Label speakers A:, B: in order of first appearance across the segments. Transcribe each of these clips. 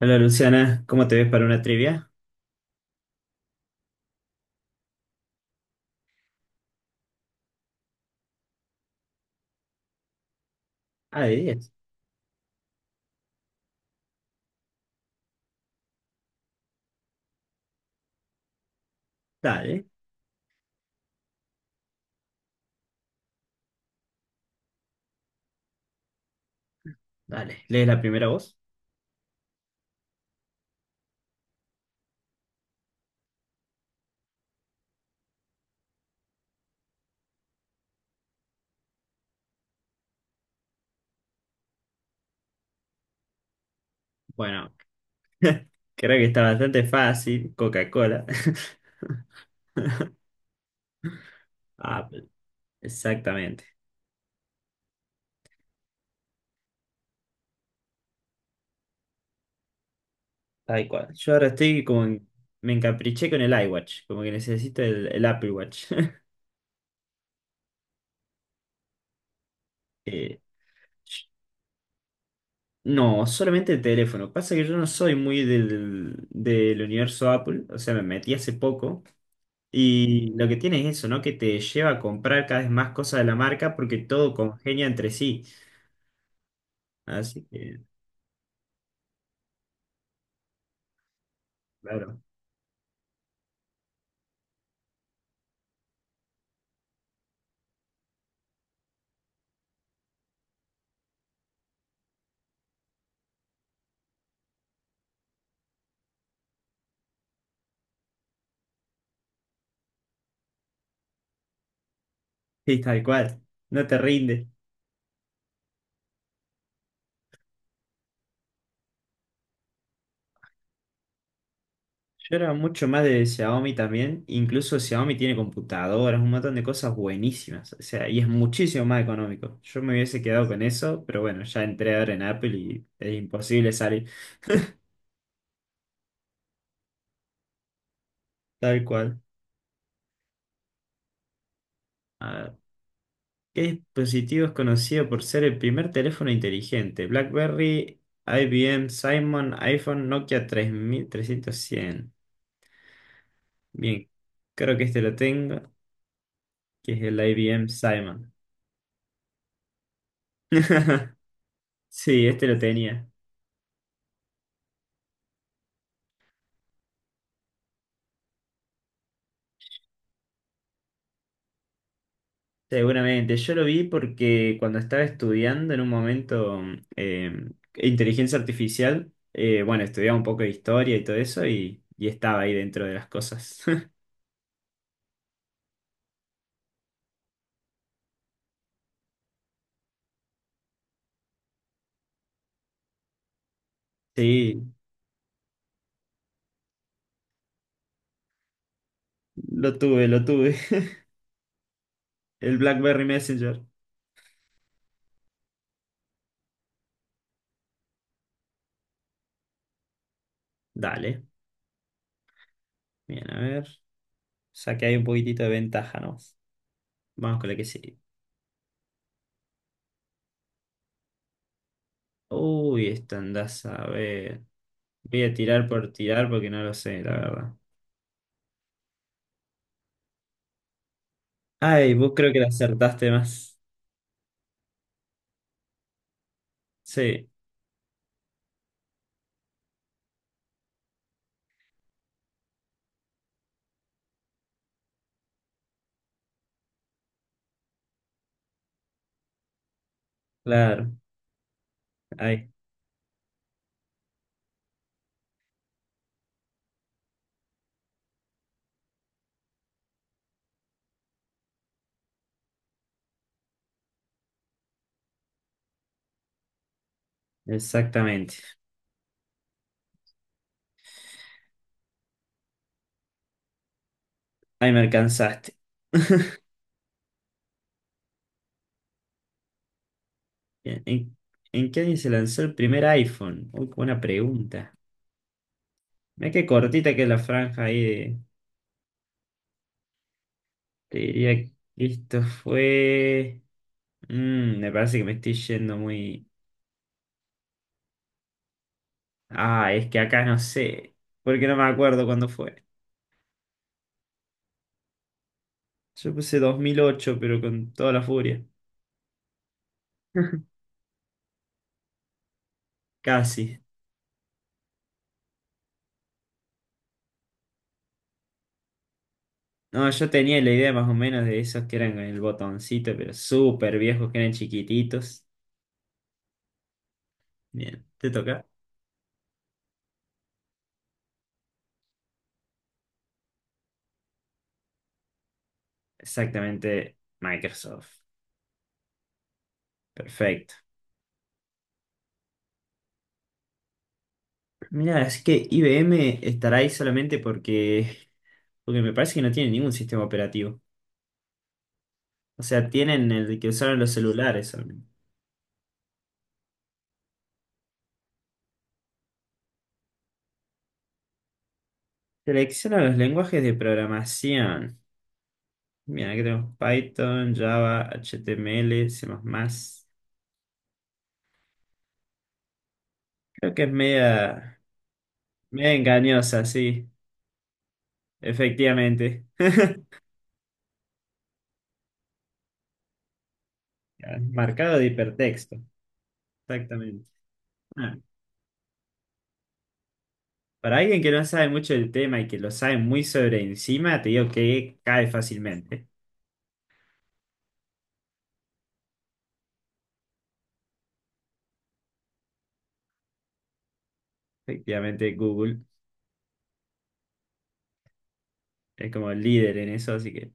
A: Hola Luciana, ¿cómo te ves para una trivia? Ah, de 10. Dale, dale. ¿Lees la primera voz? Bueno, creo que está bastante fácil. Coca-Cola. Apple. Exactamente. Tal cual. Yo ahora estoy como me encapriché con el iWatch, como que necesito el Apple Watch. Eh, No, solamente el teléfono. Pasa que yo no soy muy del universo Apple, o sea, me metí hace poco. Y lo que tiene es eso, ¿no? Que te lleva a comprar cada vez más cosas de la marca porque todo congenia entre sí. Así que, claro, sí, tal cual. No te rinde. Yo era mucho más de Xiaomi también. Incluso Xiaomi tiene computadoras, un montón de cosas buenísimas. O sea, y es muchísimo más económico. Yo me hubiese quedado con eso, pero bueno, ya entré ahora en Apple y es imposible salir. Tal cual. Ah, ¿qué dispositivo es conocido por ser el primer teléfono inteligente? BlackBerry, IBM, Simon, iPhone, Nokia 3300. Bien, creo que este lo tengo, que es el IBM Simon. Sí, este lo tenía. Seguramente. Yo lo vi porque cuando estaba estudiando en un momento eh, inteligencia artificial, bueno, estudiaba un poco de historia y todo eso y estaba ahí dentro de las cosas. Sí, lo tuve, lo tuve. El BlackBerry Messenger. Dale. Bien, a ver. Saqué ahí un poquitito de ventaja, ¿no? Vamos con la que sigue. Uy, esta andás a ver. Voy a tirar por tirar porque no lo sé, la verdad. Ay, vos creo que la acertaste más. Sí, claro. Ahí, exactamente. Ahí me alcanzaste. Bien, ¿en qué año se lanzó el primer iPhone? Uy, qué buena pregunta. Mira qué cortita que es la franja ahí de- Te diría que esto fue. Mm, me parece que me estoy yendo muy. Ah, es que acá no sé, porque no me acuerdo cuándo fue. Yo puse 2008, pero con toda la furia. Casi. No, yo tenía la idea más o menos de esos que eran con el botoncito, pero súper viejos, que eran chiquititos. Bien, ¿te toca? Exactamente, Microsoft. Perfecto. Mira, es que IBM estará ahí solamente porque, porque me parece que no tiene ningún sistema operativo. O sea, tienen el que usaron los celulares solamente. Selecciona los lenguajes de programación. Mira, que tenemos Python, Java, HTML, C++. Creo que es media, media engañosa, sí, efectivamente. Marcado de hipertexto, exactamente. Ah, para alguien que no sabe mucho del tema y que lo sabe muy sobre encima, te digo que cae fácilmente. Efectivamente, Google es como el líder en eso, así que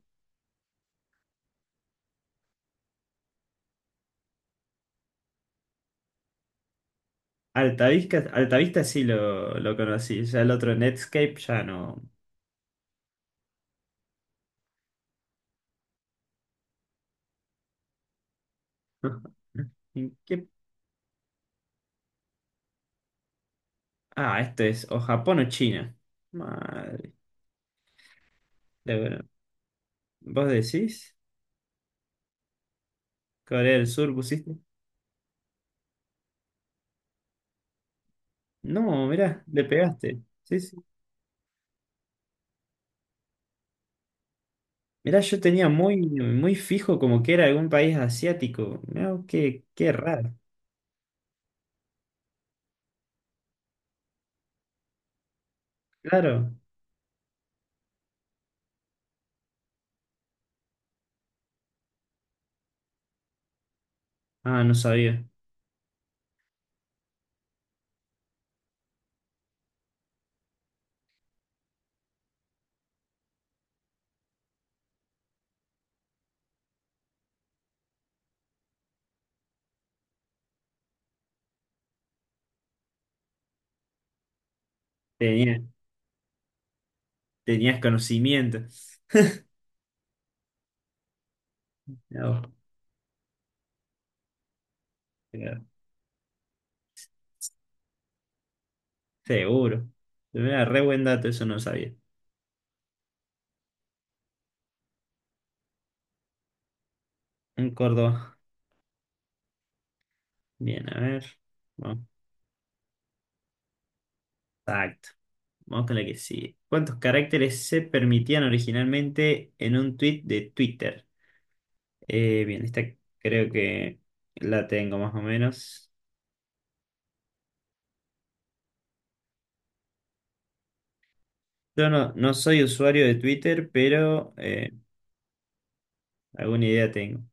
A: Altavista, Altavista sí lo conocí, ya el otro Netscape ya no. ¿En qué? Ah, esto es o Japón o China. Madre. De ver- ¿Vos decís? Corea del Sur pusiste. No, mirá, le pegaste. Sí, sí. Mirá, yo tenía muy, muy fijo como que era algún país asiático. Mirá, qué raro. Claro. Ah, no sabía. Tenía, tenías conocimiento. Mirá vos. Mirá, seguro. Mirá, re buen dato, eso no sabía. En Córdoba. Bien, a ver. Vamos. Exacto. Vamos con la que sigue. ¿Cuántos caracteres se permitían originalmente en un tweet de Twitter? Bien, esta creo que la tengo más o menos. Yo no, no soy usuario de Twitter, pero alguna idea tengo.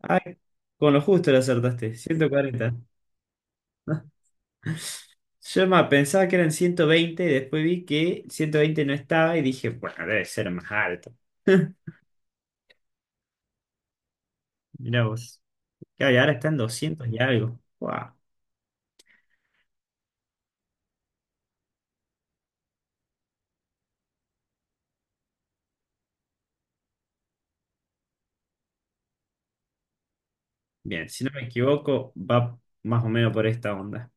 A: Ay, con lo justo la acertaste, 140. Yo más pensaba que eran 120 y después vi que 120 no estaba y dije, bueno, debe ser más alto. Mirá vos. Claro, y ahora están 200 y algo. Guau. Bien, si no me equivoco, va más o menos por esta onda.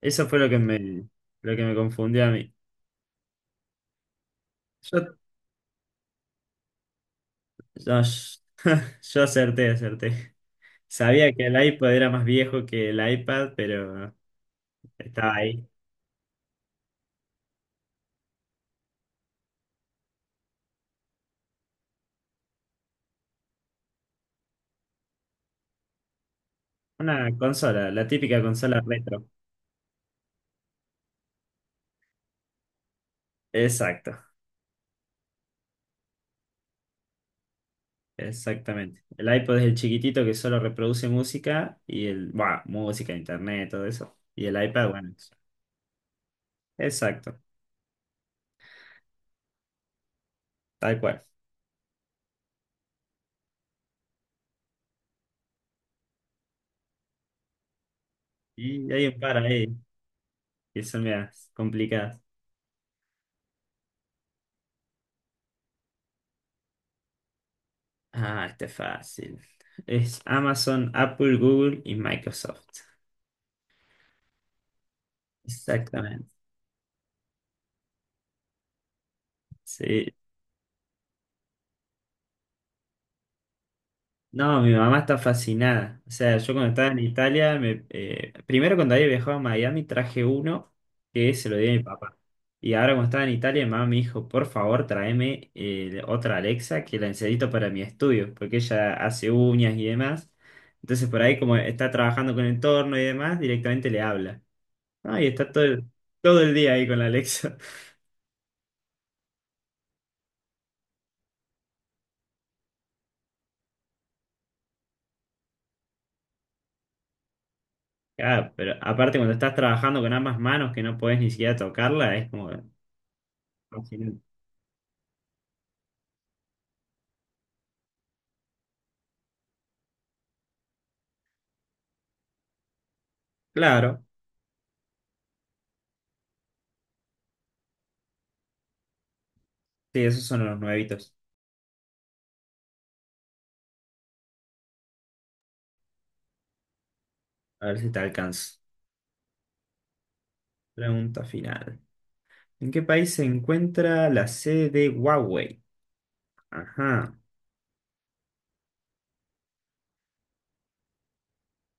A: Eso fue lo que me confundió a mí. Yo No, sh- yo acerté, acerté. Sabía que el iPod era más viejo que el iPad, pero estaba ahí. Una consola, la típica consola retro. Exacto, exactamente. El iPod es el chiquitito que solo reproduce música y el, bueno, música, internet, todo eso. Y el iPad, bueno, es- exacto, tal cual. Y hay un par ahí que son medias complicadas. Ah, este es fácil. Es Amazon, Apple, Google y Microsoft. Exactamente. Sí, no, mi mamá está fascinada. O sea, yo cuando estaba en Italia, primero cuando había viajado a Miami traje uno que se lo di a mi papá. Y ahora cuando estaba en Italia, mi mamá me dijo, por favor, tráeme otra Alexa que la necesito para mi estudio, porque ella hace uñas y demás. Entonces por ahí como está trabajando con el entorno y demás, directamente le habla. Ah, y está todo el día ahí con la Alexa. Claro, pero aparte cuando estás trabajando con ambas manos que no podés ni siquiera tocarla, es como fascinante. Claro. Sí, esos son los nuevitos. A ver si te alcanzo. Pregunta final. ¿En qué país se encuentra la sede de Huawei? Ajá.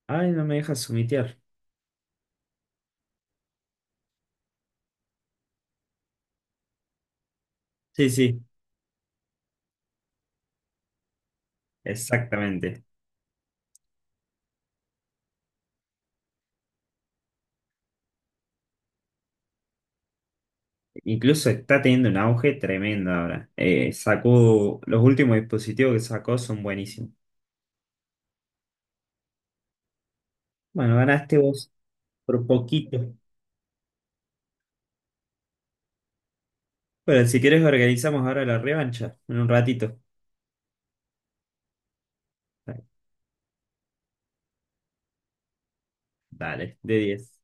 A: Ay, no me dejas sumitear. Sí, sí, exactamente. Incluso está teniendo un auge tremendo ahora. Sacó, los últimos dispositivos que sacó son buenísimos. Bueno, ganaste vos por poquito. Bueno, si quieres organizamos ahora la revancha en un ratito. Dale, de 10.